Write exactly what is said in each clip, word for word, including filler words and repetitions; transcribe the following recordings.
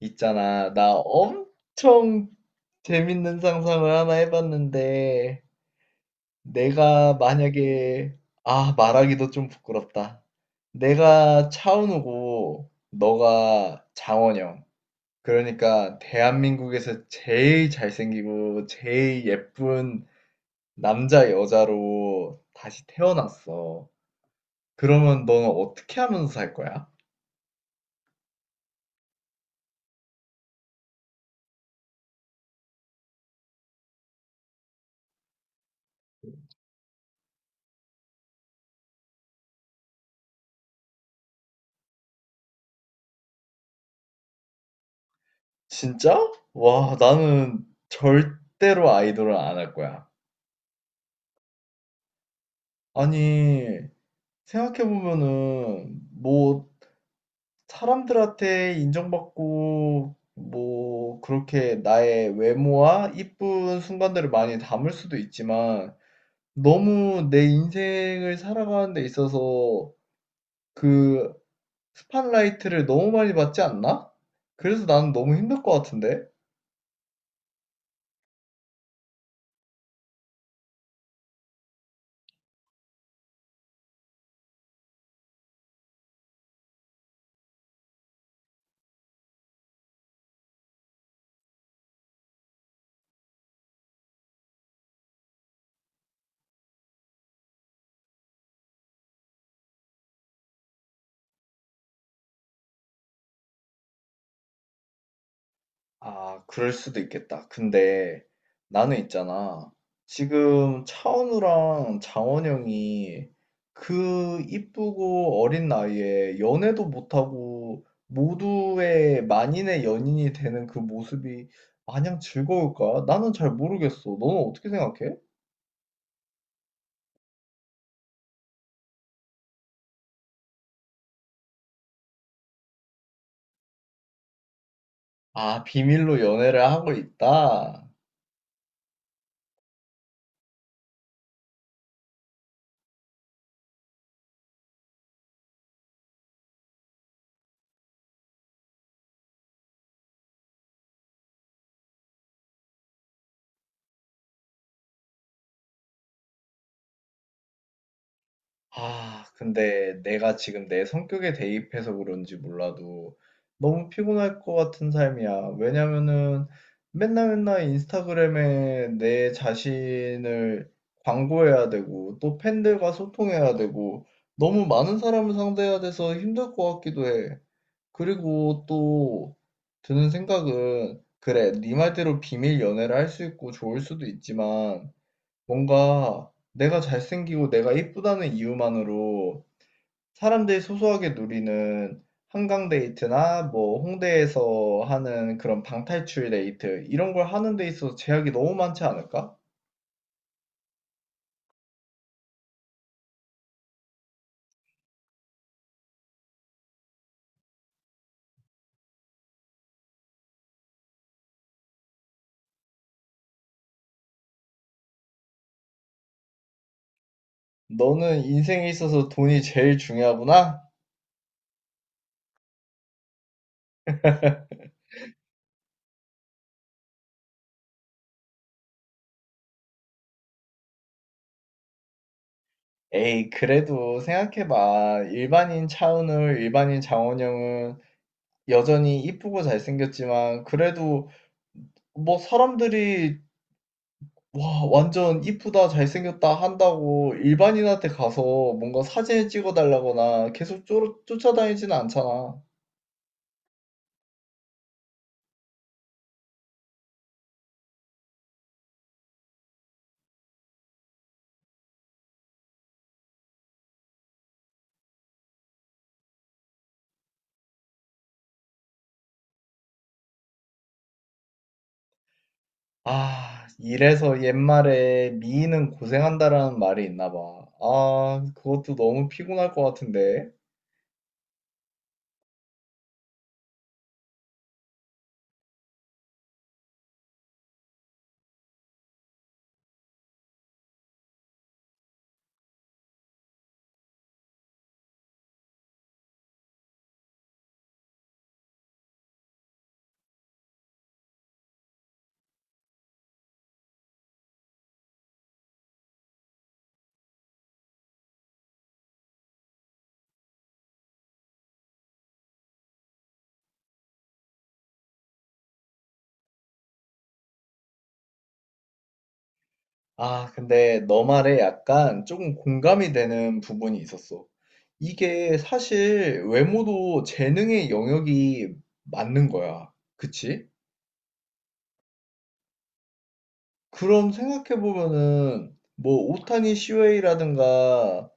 있잖아, 나 엄청 재밌는 상상을 하나 해봤는데, 내가 만약에, 아, 말하기도 좀 부끄럽다. 내가 차은우고, 너가 장원영. 그러니까, 대한민국에서 제일 잘생기고, 제일 예쁜 남자, 여자로 다시 태어났어. 그러면 너는 어떻게 하면서 살 거야? 진짜? 와, 나는 절대로 아이돌을 안 할 거야. 아니, 생각해보면은, 뭐, 사람들한테 인정받고, 뭐, 그렇게 나의 외모와 이쁜 순간들을 많이 담을 수도 있지만, 너무 내 인생을 살아가는 데 있어서 그 스팟라이트를 너무 많이 받지 않나? 그래서 나는 너무 힘들 것 같은데? 아, 그럴 수도 있겠다. 근데 나는 있잖아. 지금 차은우랑 장원 영이 그 이쁘고 어린 나이에 연애도 못하고 모두의 만인의 연인이 되는 그 모습이 마냥 즐거울까? 나는 잘 모르겠어. 너는 어떻게 생각해? 아, 비밀로 연애를 하고 있다? 아, 근데 내가 지금 내 성격에 대입해서 그런지 몰라도 너무 피곤할 것 같은 삶이야. 왜냐면은 맨날 맨날 인스타그램에 내 자신을 광고해야 되고 또 팬들과 소통해야 되고 너무 많은 사람을 상대해야 돼서 힘들 것 같기도 해. 그리고 또 드는 생각은 그래, 네 말대로 비밀 연애를 할 수 있고 좋을 수도 있지만 뭔가 내가 잘생기고 내가 예쁘다는 이유만으로 사람들이 소소하게 누리는 한강 데이트나 뭐 홍대에서 하는 그런 방탈출 데이트 이런 걸 하는 데 있어서 제약이 너무 많지 않을까? 너는 인생에 있어서 돈이 제일 중요하구나? 에이, 그래도 생각해봐. 일반인 차은우, 일반인 장원영은 여전히 이쁘고 잘생겼지만 그래도 뭐 사람들이 와, 완전 이쁘다, 잘생겼다 한다고 일반인한테 가서 뭔가 사진을 찍어달라거나 계속 쫓, 쫓아다니지는 않잖아. 아, 이래서 옛말에 미인은 고생한다라는 말이 있나 봐. 아, 그것도 너무 피곤할 것 같은데. 아, 근데 너 말에 약간 조금 공감이 되는 부분이 있었어. 이게 사실 외모도 재능의 영역이 맞는 거야. 그치? 그럼 생각해 보면은 뭐 오타니 시웨이라든가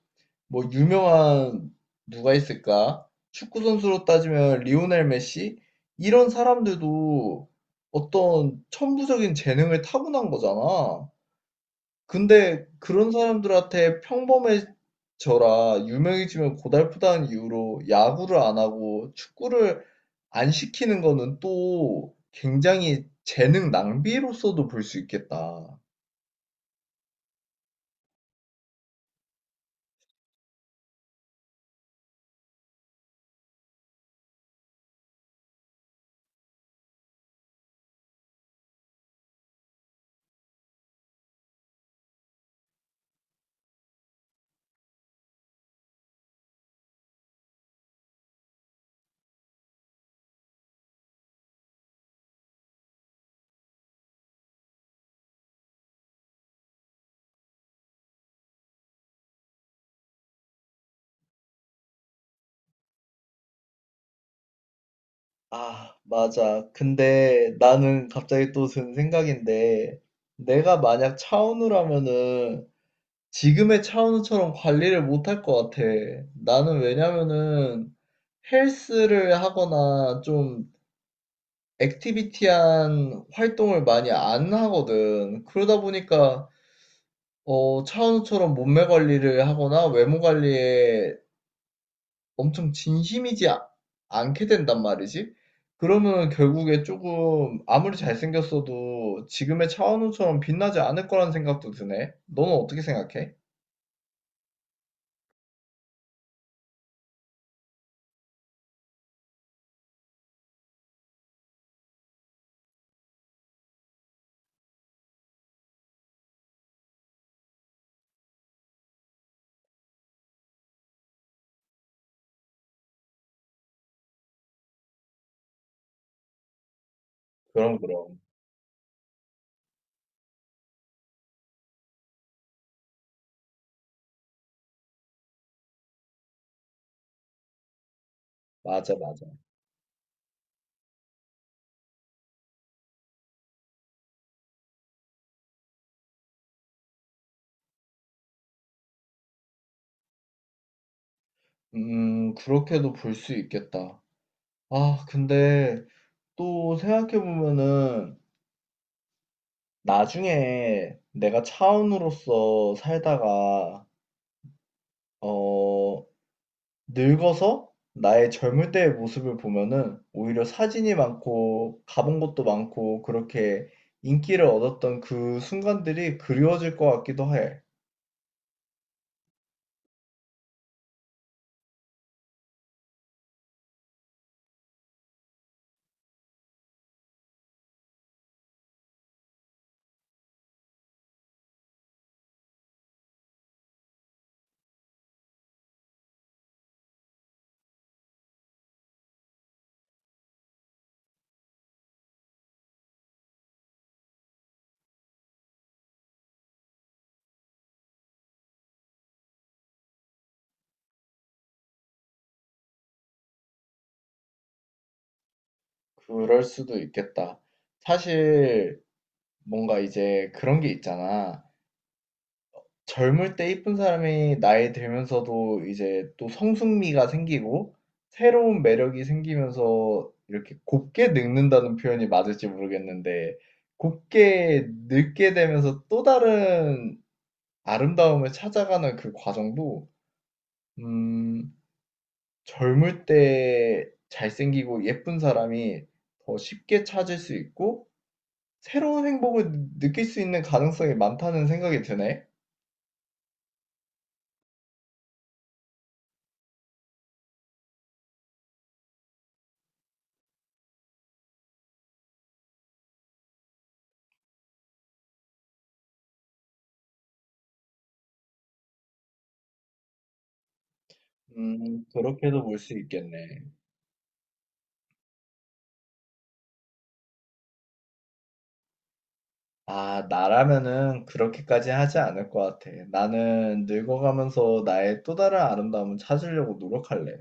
뭐 유명한 누가 있을까? 축구 선수로 따지면 리오넬 메시 이런 사람들도 어떤 천부적인 재능을 타고난 거잖아. 근데 그런 사람들한테 평범해져라, 유명해지면 고달프다는 이유로 야구를 안 하고 축구를 안 시키는 거는 또 굉장히 재능 낭비로서도 볼 수 있겠다. 아, 맞아. 근데 나는 갑자기 또 든 생각인데, 내가 만약 차은우라면은 지금의 차은우처럼 관리를 못할 것 같아. 나는 왜냐면은 헬스를 하거나 좀 액티비티한 활동을 많이 안 하거든. 그러다 보니까 어, 차은우처럼 몸매 관리를 하거나 외모 관리에 엄청 진심이지 아- 않게 된단 말이지. 그러면 결국에 조금 아무리 잘생겼어도 지금의 차은우처럼 빛나지 않을 거란 생각도 드네. 너는 어떻게 생각해? 그럼, 그럼. 맞아, 맞아. 음, 그렇게도 볼 수 있겠다. 아, 근데 또 생각해보면은 나중에 내가 차은우로서 살다가, 어, 늙어서 나의 젊을 때의 모습을 보면은 오히려 사진이 많고 가본 곳도 많고 그렇게 인기를 얻었던 그 순간들이 그리워질 것 같기도 해. 그럴 수도 있겠다. 사실 뭔가 이제 그런 게 있잖아. 젊을 때 이쁜 사람이 나이 들면서도 이제 또 성숙미가 생기고 새로운 매력이 생기면서 이렇게 곱게 늙는다는 표현이 맞을지 모르겠는데 곱게 늙게 되면서 또 다른 아름다움을 찾아가는 그 과정도 음 젊을 때 잘생기고 예쁜 사람이 더 쉽게 찾을 수 있고 새로운 행복을 느낄 수 있는 가능성이 많다는 생각이 드네. 음, 그렇게도 볼 수 있겠네. 아, 나라면은 그렇게까지 하지 않을 것 같아. 나는 늙어가면서 나의 또 다른 아름다움을 찾으려고 노력할래.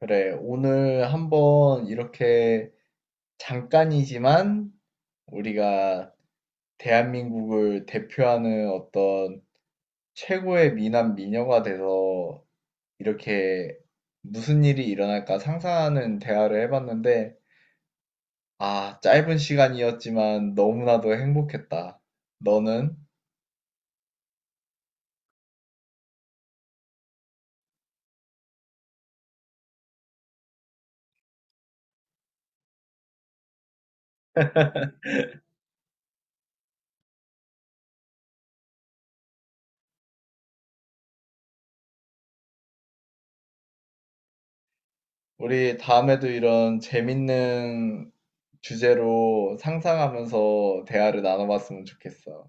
그래, 오늘 한번 이렇게 잠깐이지만 우리가 대한민국을 대표하는 어떤 최고의 미남 미녀가 돼서 이렇게 무슨 일이 일어날까 상상하는 대화를 해봤는데, 아, 짧은 시간이었지만 너무나도 행복했다. 너는? 우리 다음에도 이런 재밌는 주제로 상상하면서 대화를 나눠봤으면 좋겠어.